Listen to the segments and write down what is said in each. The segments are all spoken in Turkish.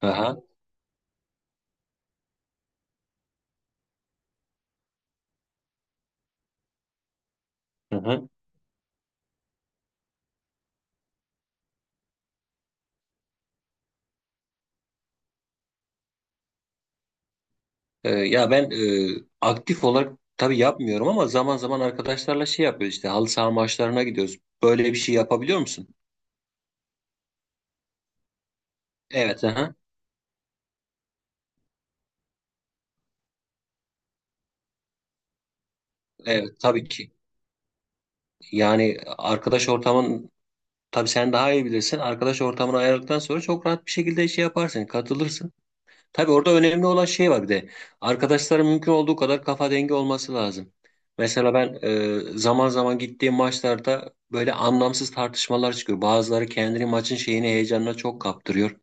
Aha, hı hı. Ya ben aktif olarak tabii yapmıyorum ama zaman zaman arkadaşlarla şey yapıyoruz işte halı saha maçlarına gidiyoruz. Böyle bir şey yapabiliyor musun? Evet, aha. Evet, tabii ki. Yani arkadaş ortamın tabii sen daha iyi bilirsin. Arkadaş ortamını ayarladıktan sonra çok rahat bir şekilde şey yaparsın, katılırsın. Tabii orada önemli olan şey var bir de. Arkadaşların mümkün olduğu kadar kafa dengi olması lazım. Mesela ben zaman zaman gittiğim maçlarda böyle anlamsız tartışmalar çıkıyor. Bazıları kendini maçın şeyini heyecanına çok kaptırıyor.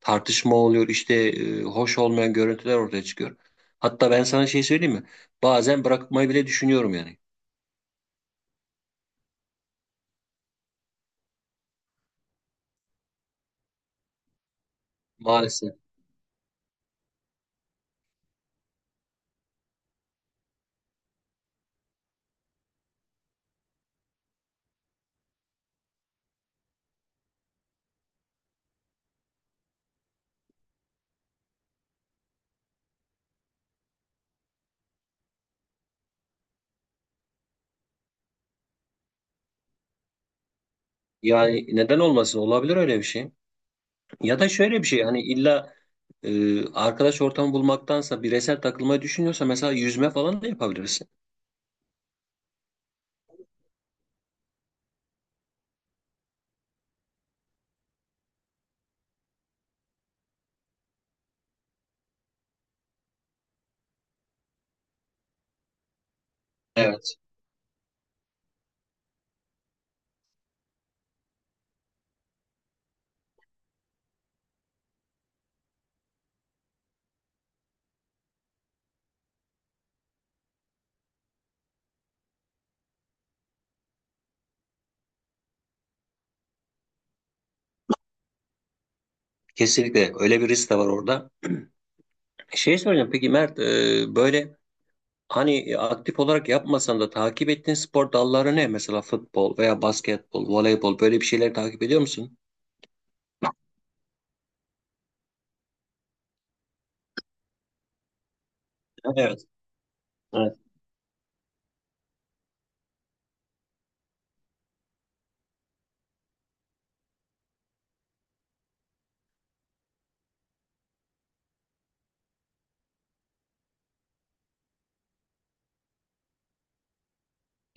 Tartışma oluyor işte hoş olmayan görüntüler ortaya çıkıyor. Hatta ben sana şey söyleyeyim mi? Bazen bırakmayı bile düşünüyorum yani. Maalesef. Yani neden olmasın? Olabilir öyle bir şey. Ya da şöyle bir şey hani illa arkadaş ortamı bulmaktansa bireysel takılmayı düşünüyorsa mesela yüzme falan da yapabilirsin. Evet. Kesinlikle öyle bir risk de var orada. Şey soracağım peki Mert, böyle hani aktif olarak yapmasan da takip ettiğin spor dalları ne? Mesela futbol veya basketbol, voleybol böyle bir şeyler takip ediyor musun? Evet. Evet.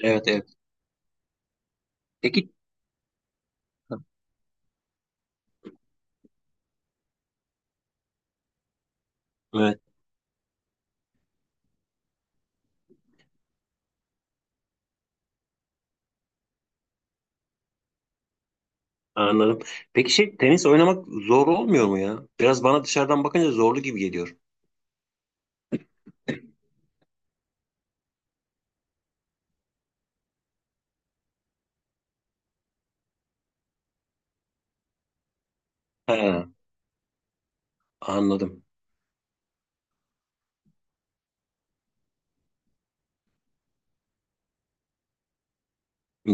Evet. Evet. Peki evet, anladım. Peki şey tenis oynamak zor olmuyor mu ya? Biraz bana dışarıdan bakınca zorlu gibi geliyor. Ha. Anladım.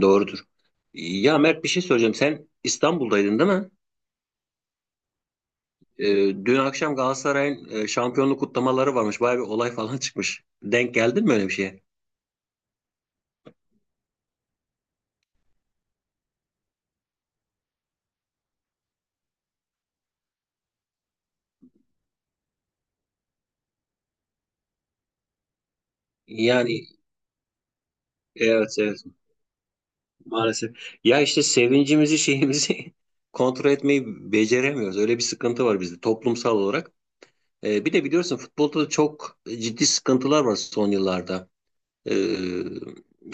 Doğrudur. Ya Mert, bir şey söyleyeceğim. Sen İstanbul'daydın değil mi? Ee, dün akşam Galatasaray'ın şampiyonluk kutlamaları varmış. Bayağı bir olay falan çıkmış. Denk geldin mi öyle bir şeye? Yani evet, evet, maalesef. Ya işte sevincimizi şeyimizi kontrol etmeyi beceremiyoruz. Öyle bir sıkıntı var bizde toplumsal olarak. Bir de biliyorsun futbolda da çok ciddi sıkıntılar var son yıllarda. Ee,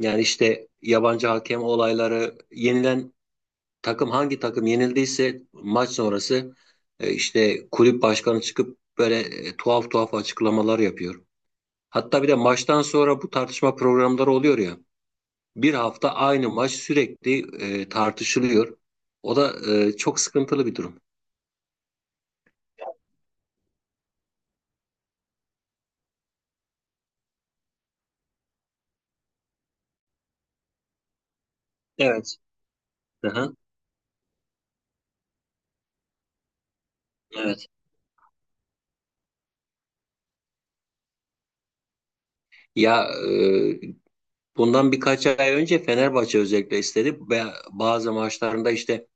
yani işte yabancı hakem olayları, yenilen takım, hangi takım yenildiyse maç sonrası işte kulüp başkanı çıkıp böyle tuhaf tuhaf açıklamalar yapıyor. Hatta bir de maçtan sonra bu tartışma programları oluyor ya. Bir hafta aynı maç sürekli tartışılıyor. O da çok sıkıntılı bir durum. Evet. Aha, evet. Ya bundan birkaç ay önce Fenerbahçe özellikle istedi ve bazı maçlarında işte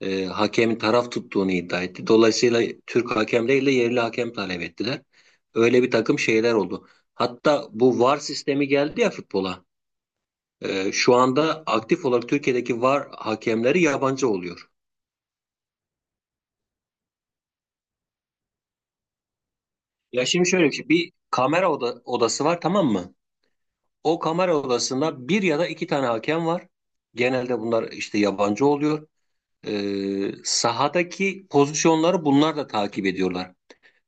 hakemin taraf tuttuğunu iddia etti. Dolayısıyla Türk hakem değil yerli hakem talep ettiler. Öyle bir takım şeyler oldu. Hatta bu VAR sistemi geldi ya futbola. E, şu anda aktif olarak Türkiye'deki VAR hakemleri yabancı oluyor. Ya şimdi şöyle bir şey. Bir kamera odası var, tamam mı? O kamera odasında bir ya da iki tane hakem var. Genelde bunlar işte yabancı oluyor. E, sahadaki pozisyonları bunlar da takip ediyorlar.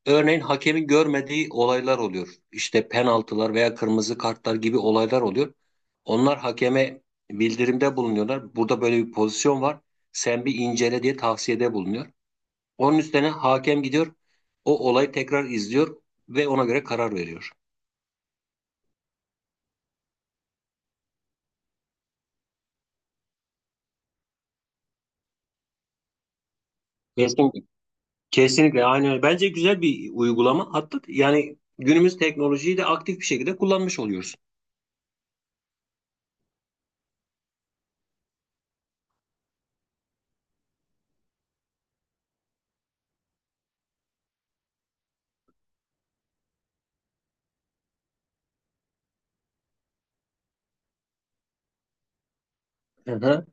Örneğin hakemin görmediği olaylar oluyor. İşte penaltılar veya kırmızı kartlar gibi olaylar oluyor. Onlar hakeme bildirimde bulunuyorlar. Burada böyle bir pozisyon var. Sen bir incele diye tavsiyede bulunuyor. Onun üstüne hakem gidiyor. O olayı tekrar izliyor ve ona göre karar veriyor. Kesinlikle. Kesinlikle aynen öyle. Bence güzel bir uygulama. Hatta yani günümüz teknolojiyi de aktif bir şekilde kullanmış oluyorsun. Hı hı.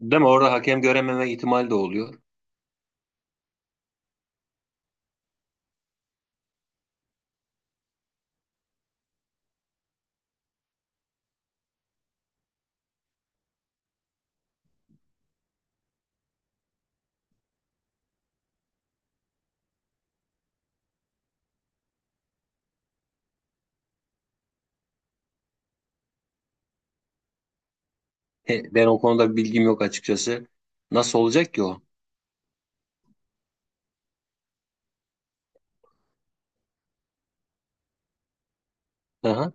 Değil mi? Orada hakem görememe ihtimali de oluyor. He, ben o konuda bilgim yok açıkçası. Nasıl olacak ki o? Aha.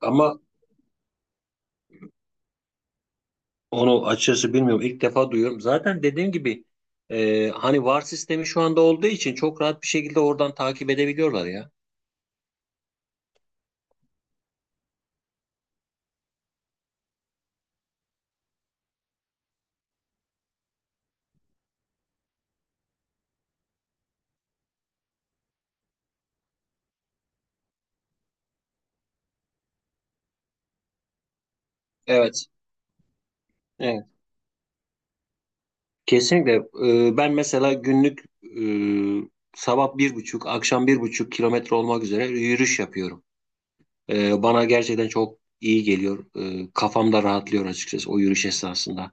Ama onu açıkçası bilmiyorum. İlk defa duyuyorum. Zaten dediğim gibi hani VAR sistemi şu anda olduğu için çok rahat bir şekilde oradan takip edebiliyorlar ya. Evet. Evet. Kesinlikle. E, ben mesela günlük, sabah 1,5, akşam 1,5 kilometre olmak üzere yürüyüş yapıyorum. E, bana gerçekten çok iyi geliyor. E, kafam da rahatlıyor açıkçası o yürüyüş esnasında.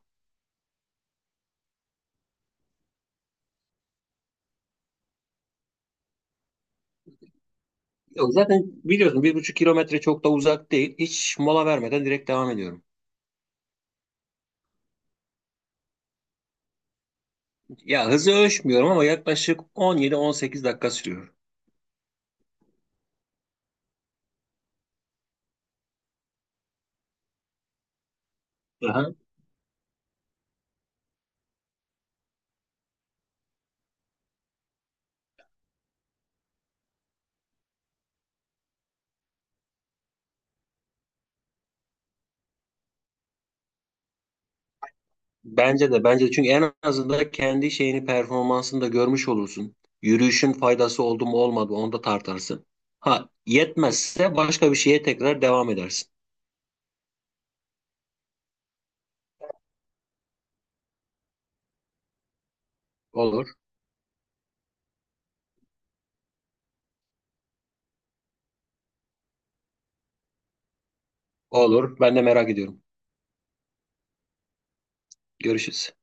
Yok, zaten biliyorsun 1,5 kilometre çok da uzak değil. Hiç mola vermeden direkt devam ediyorum. Ya hızı ölçmüyorum ama yaklaşık 17-18 dakika sürüyor. Aha. Bence de, bence de çünkü en azından kendi şeyini performansını da görmüş olursun. Yürüyüşün faydası oldu mu olmadı mı onu da tartarsın. Ha, yetmezse başka bir şeye tekrar devam edersin. Olur. Olur. Ben de merak ediyorum. Görüşürüz.